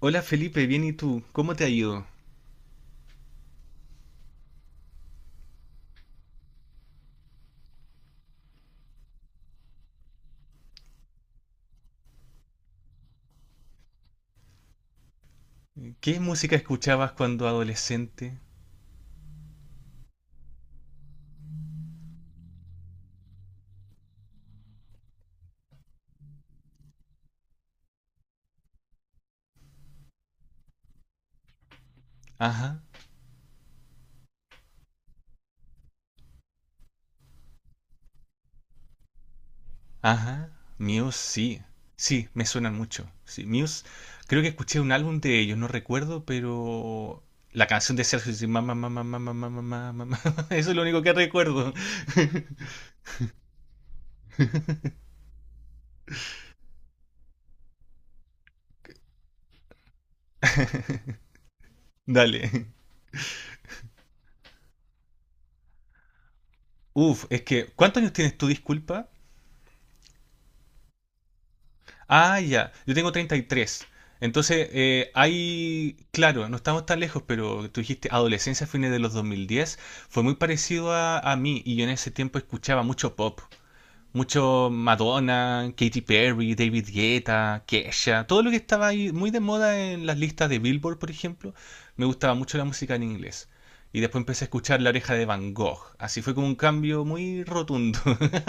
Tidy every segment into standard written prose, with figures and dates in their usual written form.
Hola Felipe, bien, ¿y tú, cómo te ha ido? ¿Qué música escuchabas cuando adolescente? Ajá, ajá. Muse sí, sí, me suenan mucho. Sí, Muse, creo que escuché un álbum de ellos, no recuerdo, pero la canción de Sergio dice mamá, mamá, mamá, mamá, mamá, mamá, eso es lo único que recuerdo. Dale. Uf, es que, ¿cuántos años tienes tú, disculpa? Ah, ya. Yo tengo 33. Entonces, hay, claro, no estamos tan lejos, pero tú dijiste adolescencia, fines de los 2010, fue muy parecido a mí, y yo en ese tiempo escuchaba mucho pop, mucho Madonna, Katy Perry, David Guetta, Kesha, todo lo que estaba ahí muy de moda en las listas de Billboard, por ejemplo, me gustaba mucho la música en inglés. Y después empecé a escuchar La Oreja de Van Gogh. Así fue como un cambio muy rotundo.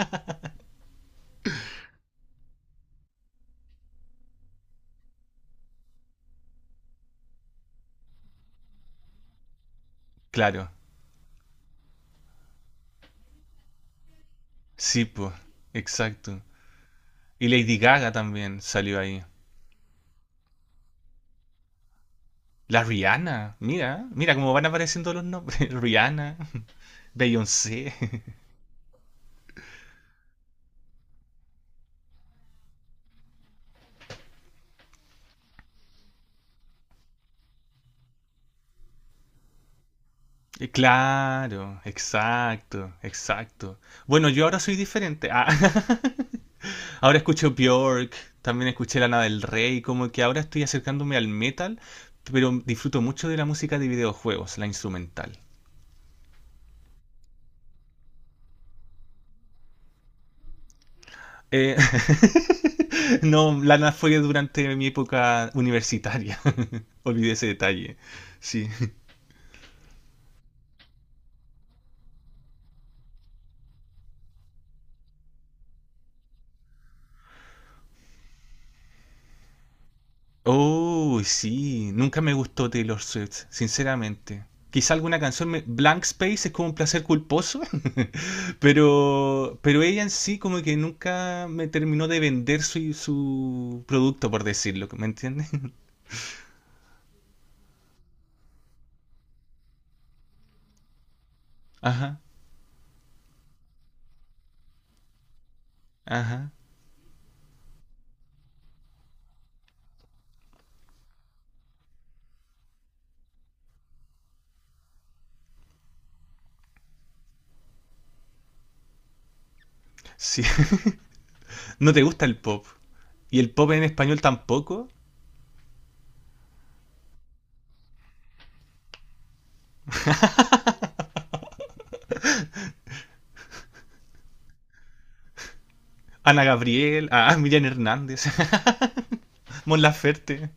Claro, sí, pues, exacto. Y Lady Gaga también salió ahí. La Rihanna, mira, mira cómo van apareciendo los nombres. Rihanna, Beyoncé. Claro, exacto, exacto. Bueno, yo ahora soy diferente. Ah, ahora escucho Bjork, también escuché Lana del Rey, como que ahora estoy acercándome al metal, pero disfruto mucho de la música de videojuegos, la instrumental. Eh, no, Lana fue durante mi época universitaria. Olvidé ese detalle. Sí. Oh, sí. Nunca me gustó Taylor Swift, sinceramente. Quizá alguna canción, Blank Space es como un placer culposo, pero ella en sí como que nunca me terminó de vender su, su producto, por decirlo, ¿me entiendes? Ajá, ajá, sí. ¿No te gusta el pop? ¿Y el pop en español tampoco? Ana Gabriel, ah, Miriam Hernández. Mon Laferte.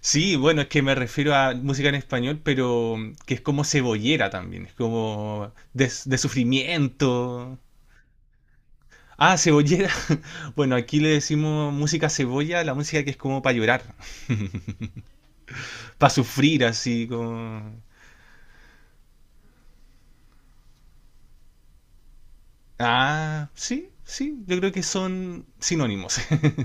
Sí, bueno, es que me refiero a música en español, pero que es como cebollera también, es como de sufrimiento. Ah, cebollera. Bueno, aquí le decimos música cebolla, la música que es como para llorar, para sufrir, así como... Ah, sí, sí, yo creo que son sinónimos.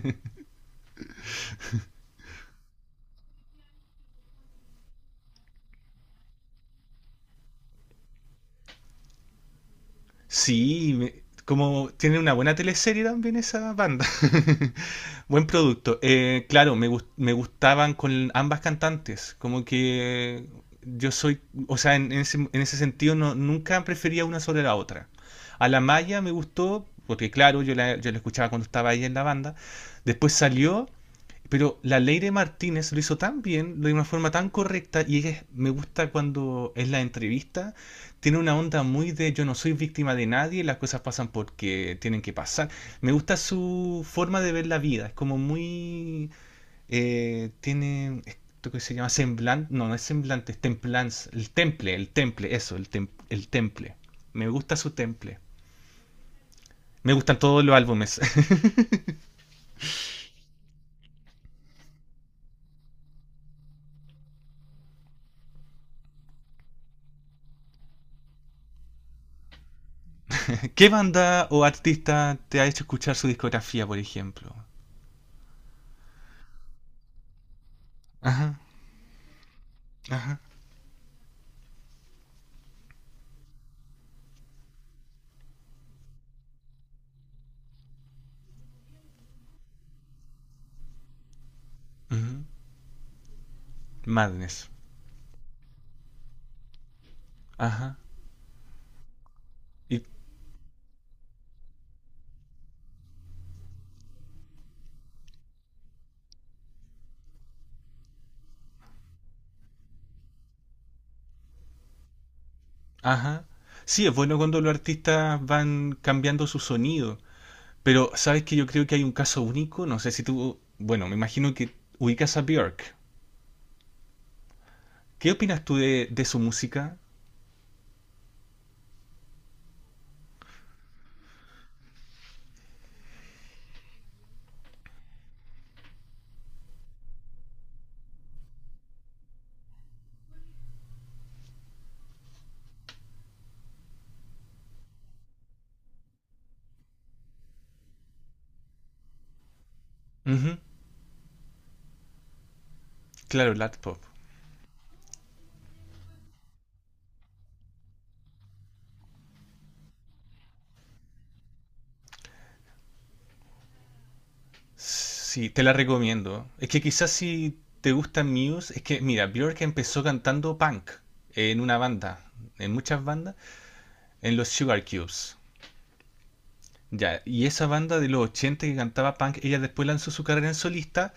Sí, como tiene una buena teleserie también esa banda. Buen producto. Claro, me, me gustaban con ambas cantantes. Como que yo soy, o sea, en ese sentido no, nunca prefería una sobre la otra. A la Maya me gustó, porque claro, yo la, yo la escuchaba cuando estaba ella en la banda. Después salió, pero la Leire Martínez lo hizo tan bien, lo de una forma tan correcta, y me gusta cuando es la entrevista, tiene una onda muy de yo no soy víctima de nadie, las cosas pasan porque tienen que pasar. Me gusta su forma de ver la vida, es como muy... tiene esto que se llama semblante, no, no es semblante, es templanza, el temple, eso, el temple. Me gusta su temple. Me gustan todos los álbumes. ¿Qué banda o artista te ha hecho escuchar su discografía, por ejemplo? Ajá, ajá. Ujú. Madness. Ajá. ¿Y Ajá. Sí, es bueno cuando los artistas van cambiando su sonido, pero sabes que yo creo que hay un caso único, no sé si tú, bueno, me imagino que ubicas a Björk. ¿Qué opinas tú de su música? Ujú. Claro, el pop. Sí, te la recomiendo. Es que quizás si te gusta Muse, es que mira, Björk empezó cantando punk en una banda, en muchas bandas, en los Sugar Cubes. Ya, y esa banda de los 80 que cantaba punk, ella después lanzó su carrera en solista.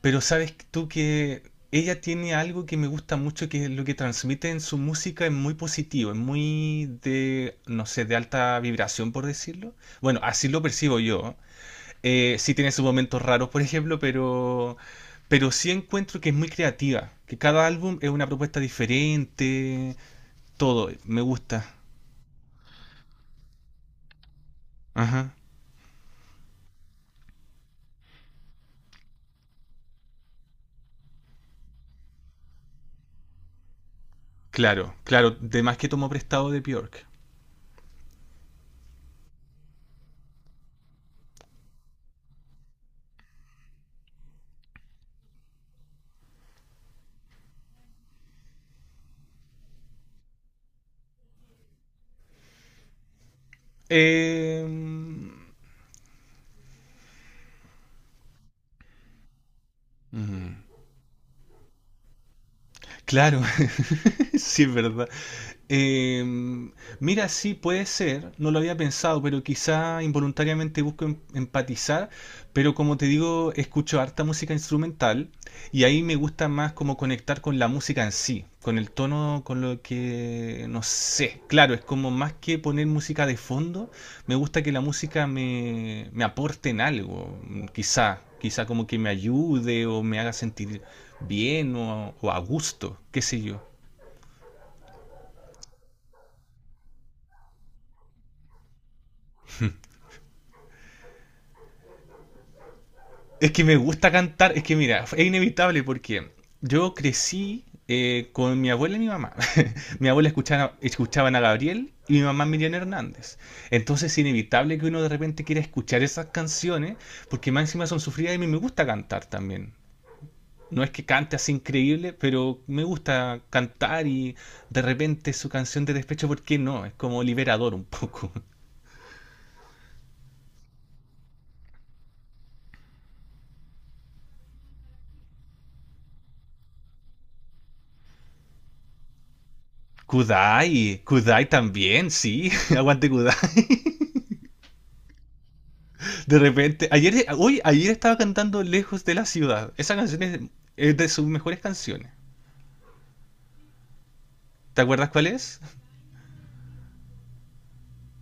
Pero sabes tú que ella tiene algo que me gusta mucho, que lo que transmite en su música es muy positivo, es muy de, no sé, de alta vibración, por decirlo. Bueno, así lo percibo yo. Sí tiene sus momentos raros, por ejemplo, pero sí encuentro que es muy creativa, que cada álbum es una propuesta diferente, todo, me gusta. Ajá. Claro, claro, de más que tomó prestado de Björk. Eh, mm, claro. Sí, es verdad. Eh, mira, sí, puede ser, no lo había pensado, pero quizá involuntariamente busco empatizar, pero como te digo, escucho harta música instrumental y ahí me gusta más como conectar con la música en sí, con el tono, con lo que, no sé, claro, es como más que poner música de fondo, me gusta que la música me, me aporte en algo, mm, quizá, quizá como que me ayude o me haga sentir bien o a gusto, qué sé yo. Es que me gusta cantar, es que mira, es inevitable porque yo crecí con mi abuela y mi mamá. Mi abuela escuchaba, escuchaban a Gabriel y mi mamá Miriam Hernández. Entonces es inevitable que uno de repente quiera escuchar esas canciones porque más encima son sufridas y a mí me gusta cantar también. No es que cante así increíble, pero me gusta cantar y de repente su canción de despecho, ¿por qué no? Es como liberador un poco. Kudai, Kudai también, sí, aguante Kudai. De repente, ayer, hoy, ayer estaba cantando Lejos de la Ciudad. Esa canción es de sus mejores canciones. ¿Te acuerdas cuál es?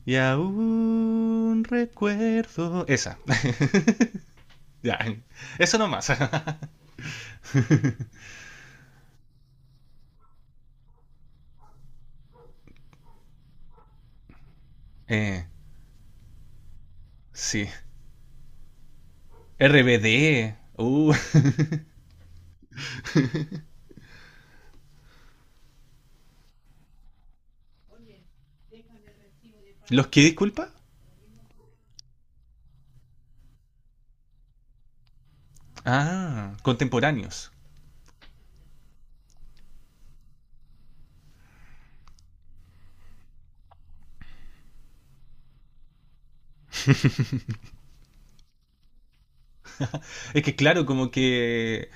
Y aún recuerdo. Esa. Ya. Eso nomás. eh, sí. RBD. ¿Los que disculpa? Ah, contemporáneos. Es que claro, como que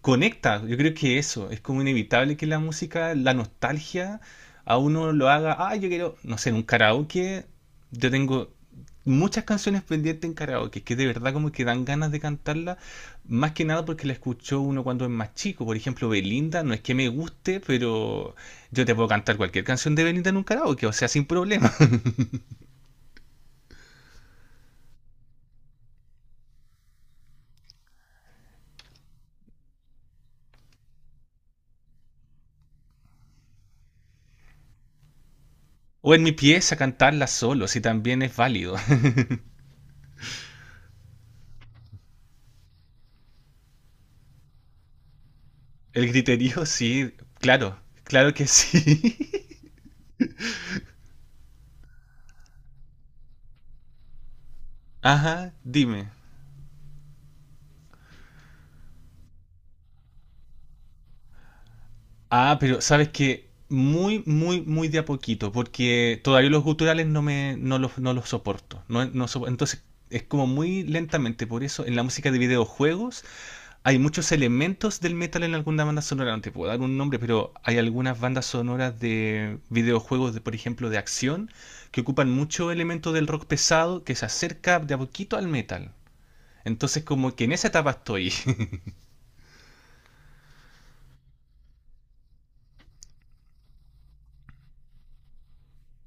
conecta. Yo creo que eso, es como inevitable que la música, la nostalgia, a uno lo haga, ah, yo quiero, no sé, en un karaoke, yo tengo muchas canciones pendientes en karaoke, que de verdad como que dan ganas de cantarla, más que nada porque la escuchó uno cuando es más chico. Por ejemplo, Belinda, no es que me guste, pero yo te puedo cantar cualquier canción de Belinda en un karaoke, o sea, sin problema. O en mi pieza cantarla solo, si también es válido. El griterío, sí, claro, claro que sí. Ajá, dime. Ah, pero sabes que muy, muy, muy de a poquito, porque todavía los guturales no me, no los, no los soporto. No, entonces es como muy lentamente, por eso en la música de videojuegos hay muchos elementos del metal en alguna banda sonora. No te puedo dar un nombre, pero hay algunas bandas sonoras de videojuegos, de, por ejemplo, de acción, que ocupan mucho elemento del rock pesado que se acerca de a poquito al metal. Entonces como que en esa etapa estoy.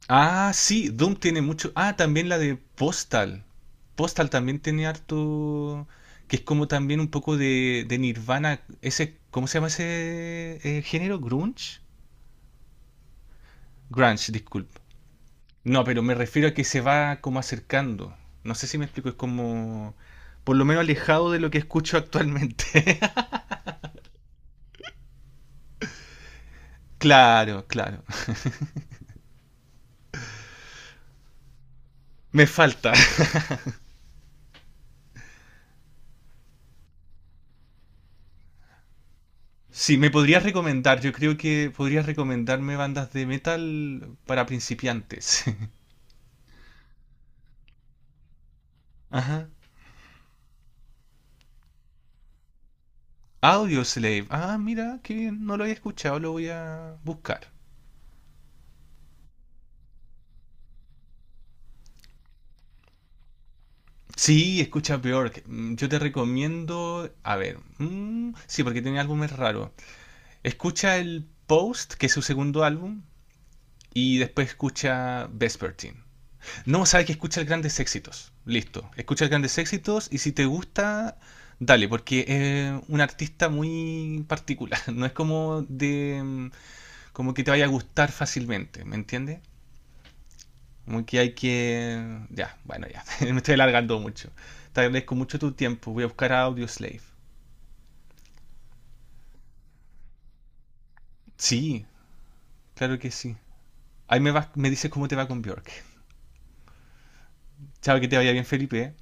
Ah, sí, Doom tiene mucho. Ah, también la de Postal. Postal también tiene harto. Que es como también un poco de Nirvana. Ese, ¿cómo se llama ese género? ¿Grunge? Grunge, disculpe. No, pero me refiero a que se va como acercando. No sé si me explico, es como... Por lo menos alejado de lo que escucho actualmente. Claro, claro. Me falta. Sí, me podrías recomendar. Yo creo que podrías recomendarme bandas de metal para principiantes. Ajá. Audio Slave. Ah, mira, qué bien. No lo había escuchado, lo voy a buscar. Sí, escucha peor. Mm, yo te recomiendo. A ver. Mm, sí, porque tiene álbumes raros. Escucha el Post, que es su segundo álbum. Y después escucha Vespertine. No, sabes que escucha el Grandes Éxitos. Listo. Escucha el Grandes Éxitos. Y si te gusta, dale, porque es un artista muy particular. No es como de. Como que te vaya a gustar fácilmente. ¿Me entiendes? Como que hay que... Ya, bueno, ya. Me estoy alargando mucho. Te agradezco mucho tu tiempo. Voy a buscar a Audioslave. Sí, claro que sí. Ahí me, me dices cómo te va con Björk. Chao, que te vaya bien, Felipe.